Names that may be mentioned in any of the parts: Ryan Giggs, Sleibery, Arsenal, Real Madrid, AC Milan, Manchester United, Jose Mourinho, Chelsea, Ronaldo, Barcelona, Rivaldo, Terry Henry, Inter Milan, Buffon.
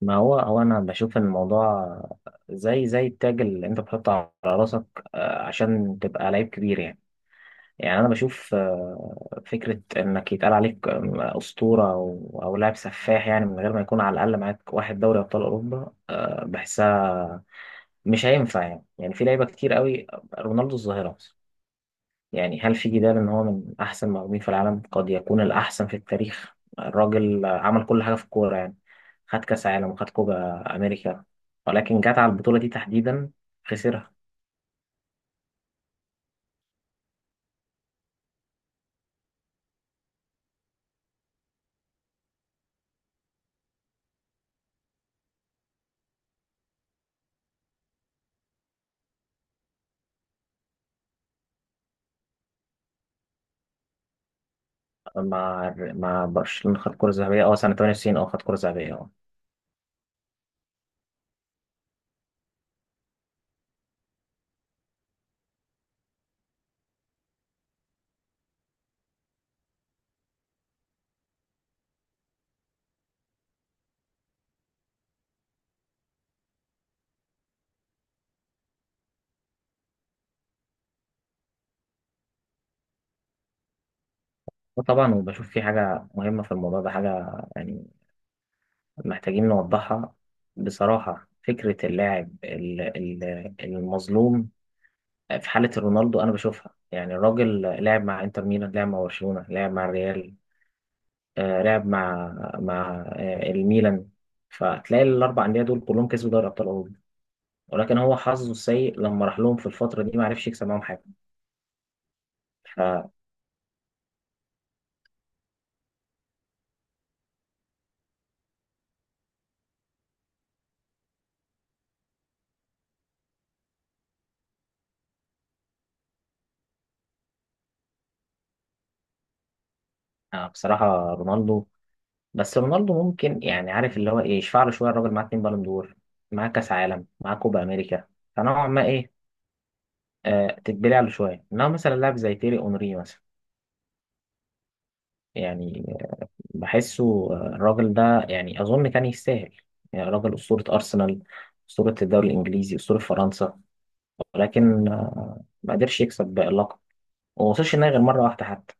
ما هو انا بشوف ان الموضوع زي التاج اللي انت بتحطه على راسك، عشان تبقى لعيب كبير يعني. يعني انا بشوف فكره انك يتقال عليك اسطوره او لاعب سفاح، يعني من غير ما يكون على الاقل معاك واحد دوري ابطال اوروبا، بحسها مش هينفع يعني في لعيبه كتير قوي. رونالدو الظاهره، يعني هل في جدال ان هو من احسن مهاجمين في العالم؟ قد يكون الاحسن في التاريخ. الراجل عمل كل حاجه في الكوره يعني، خد كاس عالم وخد كوبا امريكا، ولكن جت على البطوله دي تحديدا خسرها. مع برشلونه خد كره ذهبيه، سنه 98، خد كره ذهبيه وطبعا وبشوف في حاجه مهمه في الموضوع ده، حاجه يعني محتاجين نوضحها. بصراحه فكره اللاعب المظلوم في حالة رونالدو أنا بشوفها. يعني الراجل لعب مع إنتر ميلان، لعب مع برشلونة، لعب مع الريال، لعب مع الميلان. فتلاقي الأربع أندية دول كلهم كسبوا دوري أبطال أوروبا، ولكن هو حظه السيء لما راح لهم في الفترة دي ما عرفش يكسب معاهم حاجة. فبصراحة رونالدو، بس رونالدو ممكن يعني عارف اللي هو إيه، يشفع له شوية. الراجل معاه اتنين بالون دور، معاه كأس عالم، معاه كوبا أمريكا، فنوعا ما إيه، تتبلع له شوية. إنما مثلا لاعب زي تيري أونري مثلا، يعني بحسه، الراجل ده يعني أظن كان يستاهل. يعني راجل أسطورة أرسنال، أسطورة الدوري الإنجليزي، أسطورة فرنسا، ولكن ما قدرش يكسب بقى اللقب وما وصلش النهائي غير مرة واحدة حتى.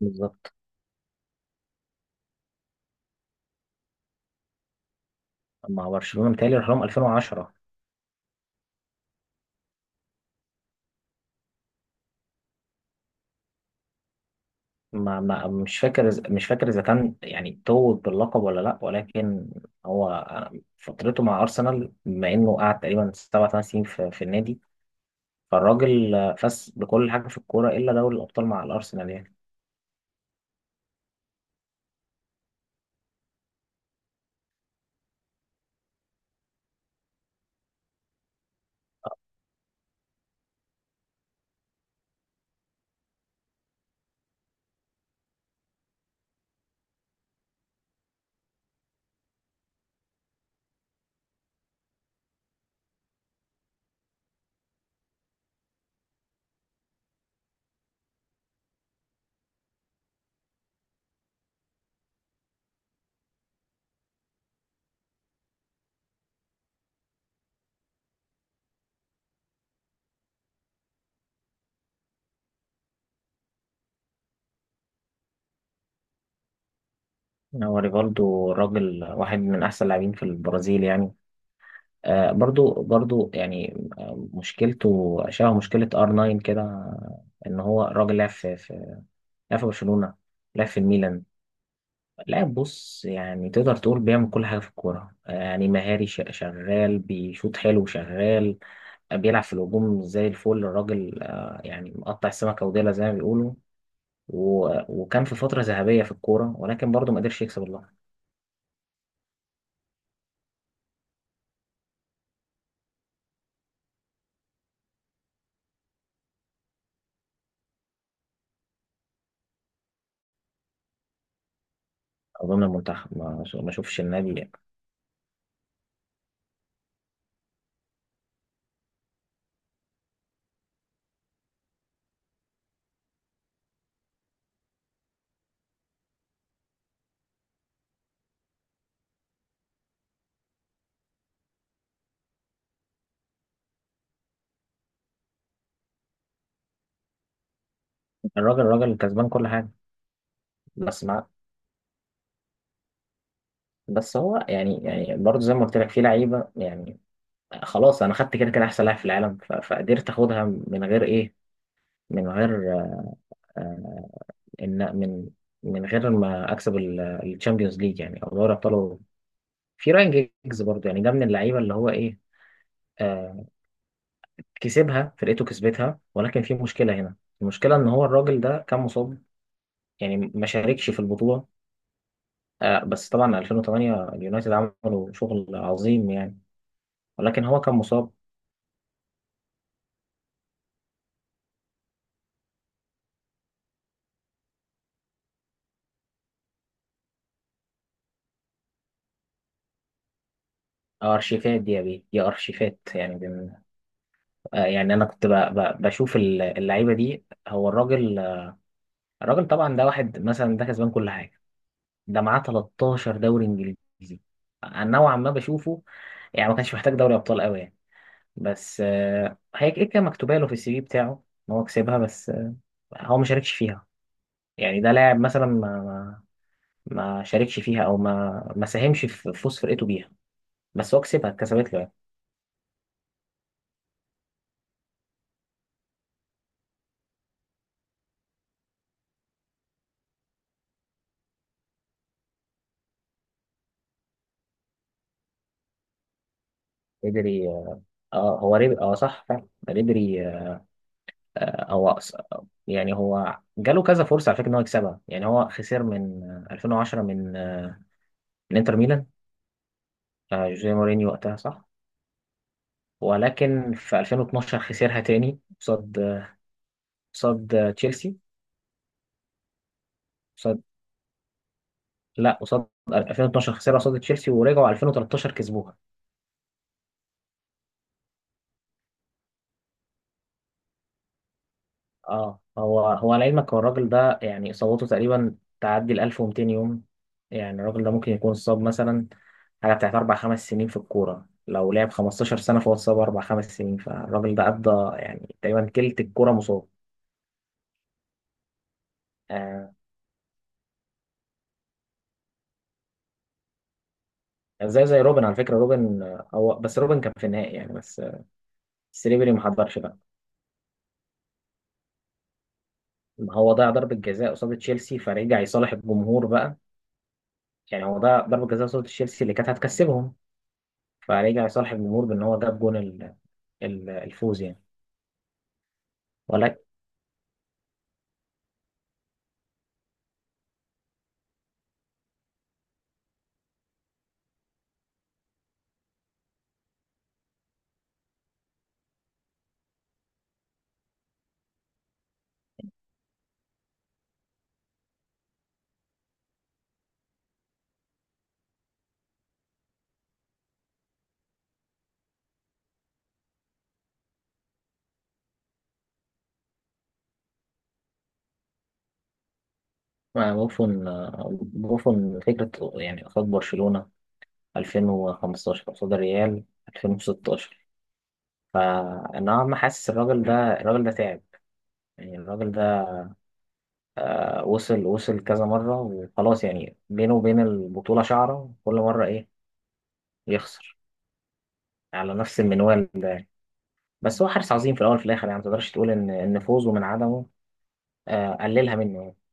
بالظبط. مع برشلونة متهيألي راح لهم 2010. ما ما مش فاكر إذا كان يعني توج باللقب ولا لأ، ولكن هو فترته مع أرسنال بما إنه قعد تقريبا سبع ثمان سنين في النادي، فالراجل فاز بكل حاجة في الكورة إلا دوري الأبطال مع الأرسنال يعني. هو ريفالدو راجل واحد من احسن اللاعبين في البرازيل يعني. آه برضو برضو يعني، مشكلته شبه مشكله ار 9 كده، ان هو راجل لعب في لعب في برشلونه، لعب في الميلان. لاعب بص، يعني تقدر تقول بيعمل كل حاجه في الكوره، يعني مهاري، شغال، بيشوط حلو، شغال، بيلعب في الهجوم زي الفل الراجل. يعني مقطع السمكه وديلها زي ما بيقولوا. وكان في فتره ذهبيه في الكوره، ولكن برضو ما قدرش يكسب اللقب. اظن المنتخب، ما اشوفش النادي يعني. الراجل كسبان كل حاجه. بس مع بس هو يعني برضه زي ما قلت لك في لعيبه يعني خلاص. انا خدت كده كده احسن لاعب في العالم، فقدرت اخدها من غير ايه، من غير آه، ان من من غير ما اكسب الشامبيونز ليج يعني او دوري ابطال أوروبا. في راين جيجز برضه يعني، ده من اللعيبه اللي هو ايه، آه، كسبها. فرقته كسبتها، ولكن في مشكله هنا. المشكله ان هو الراجل ده كان مصاب، يعني ما شاركش في البطوله. بس طبعا 2008 اليونايتد عملوا شغل عظيم يعني، ولكن هو كان مصاب. ارشيفات دي يا بيه، دي ارشيفات يعني يعني انا كنت بشوف اللعيبه دي. هو الراجل الراجل طبعا ده واحد مثلا، ده كسبان كل حاجه. ده معاه 13 دوري انجليزي. أنا نوعا ما بشوفه يعني ما كانش محتاج دوري ابطال قوي يعني، بس هي كده كده مكتوبه له في السي في بتاعه ان هو كسبها، بس هو ما شاركش فيها. يعني ده لاعب مثلا ما شاركش فيها، او ما ساهمش في فوز فرقته بيها. بس هو كسبها، اتكسبت له يعني. قدر ي- اه هو رب... اه صح فعلا، قدر ي- آه هو أص- يعني هو جاله كذا فرصه على فكره ان هو يكسبها. يعني هو خسر من 2010، من انتر ميلان، جوزيه مورينيو وقتها صح، ولكن في 2012 خسرها تاني قصاد تشيلسي، قصاد، لا، قصاد 2012 خسرها قصاد تشيلسي ورجعوا 2013 كسبوها. اه هو لعلمك هو الراجل ده يعني إصابته تقريبا تعدي ال 1200 يوم. يعني الراجل ده ممكن يكون صاب مثلا حاجة بتاعت أربع خمس سنين في الكورة. لو لعب 15 سنة فهو اتصاب أربع خمس سنين، فالراجل ده قضى يعني تقريبا تلت الكورة مصاب. آه، زي روبن، على فكرة روبن هو، بس روبن كان في النهائي يعني، بس سليبري ما حضرش بقى. هو ضيع ضربة جزاء قصاد تشيلسي فرجع يصالح الجمهور بقى. يعني هو ضيع ضربة جزاء قصاد تشيلسي اللي كانت هتكسبهم، فرجع يصالح الجمهور بان هو جاب جون الفوز يعني. ولكن بوفون بوفون فكرة، يعني قصاد برشلونة 2015، قصاد الريال 2016. فنوعا ما حاسس الراجل ده، الراجل ده تعب. يعني الراجل ده وصل كذا مرة، وخلاص يعني بينه وبين البطولة شعرة. كل مرة إيه؟ يخسر على نفس المنوال ده يعني. بس هو حارس عظيم في الأول في الآخر، يعني ما تقدرش تقول إن فوزه من عدمه، قللها منه يعني.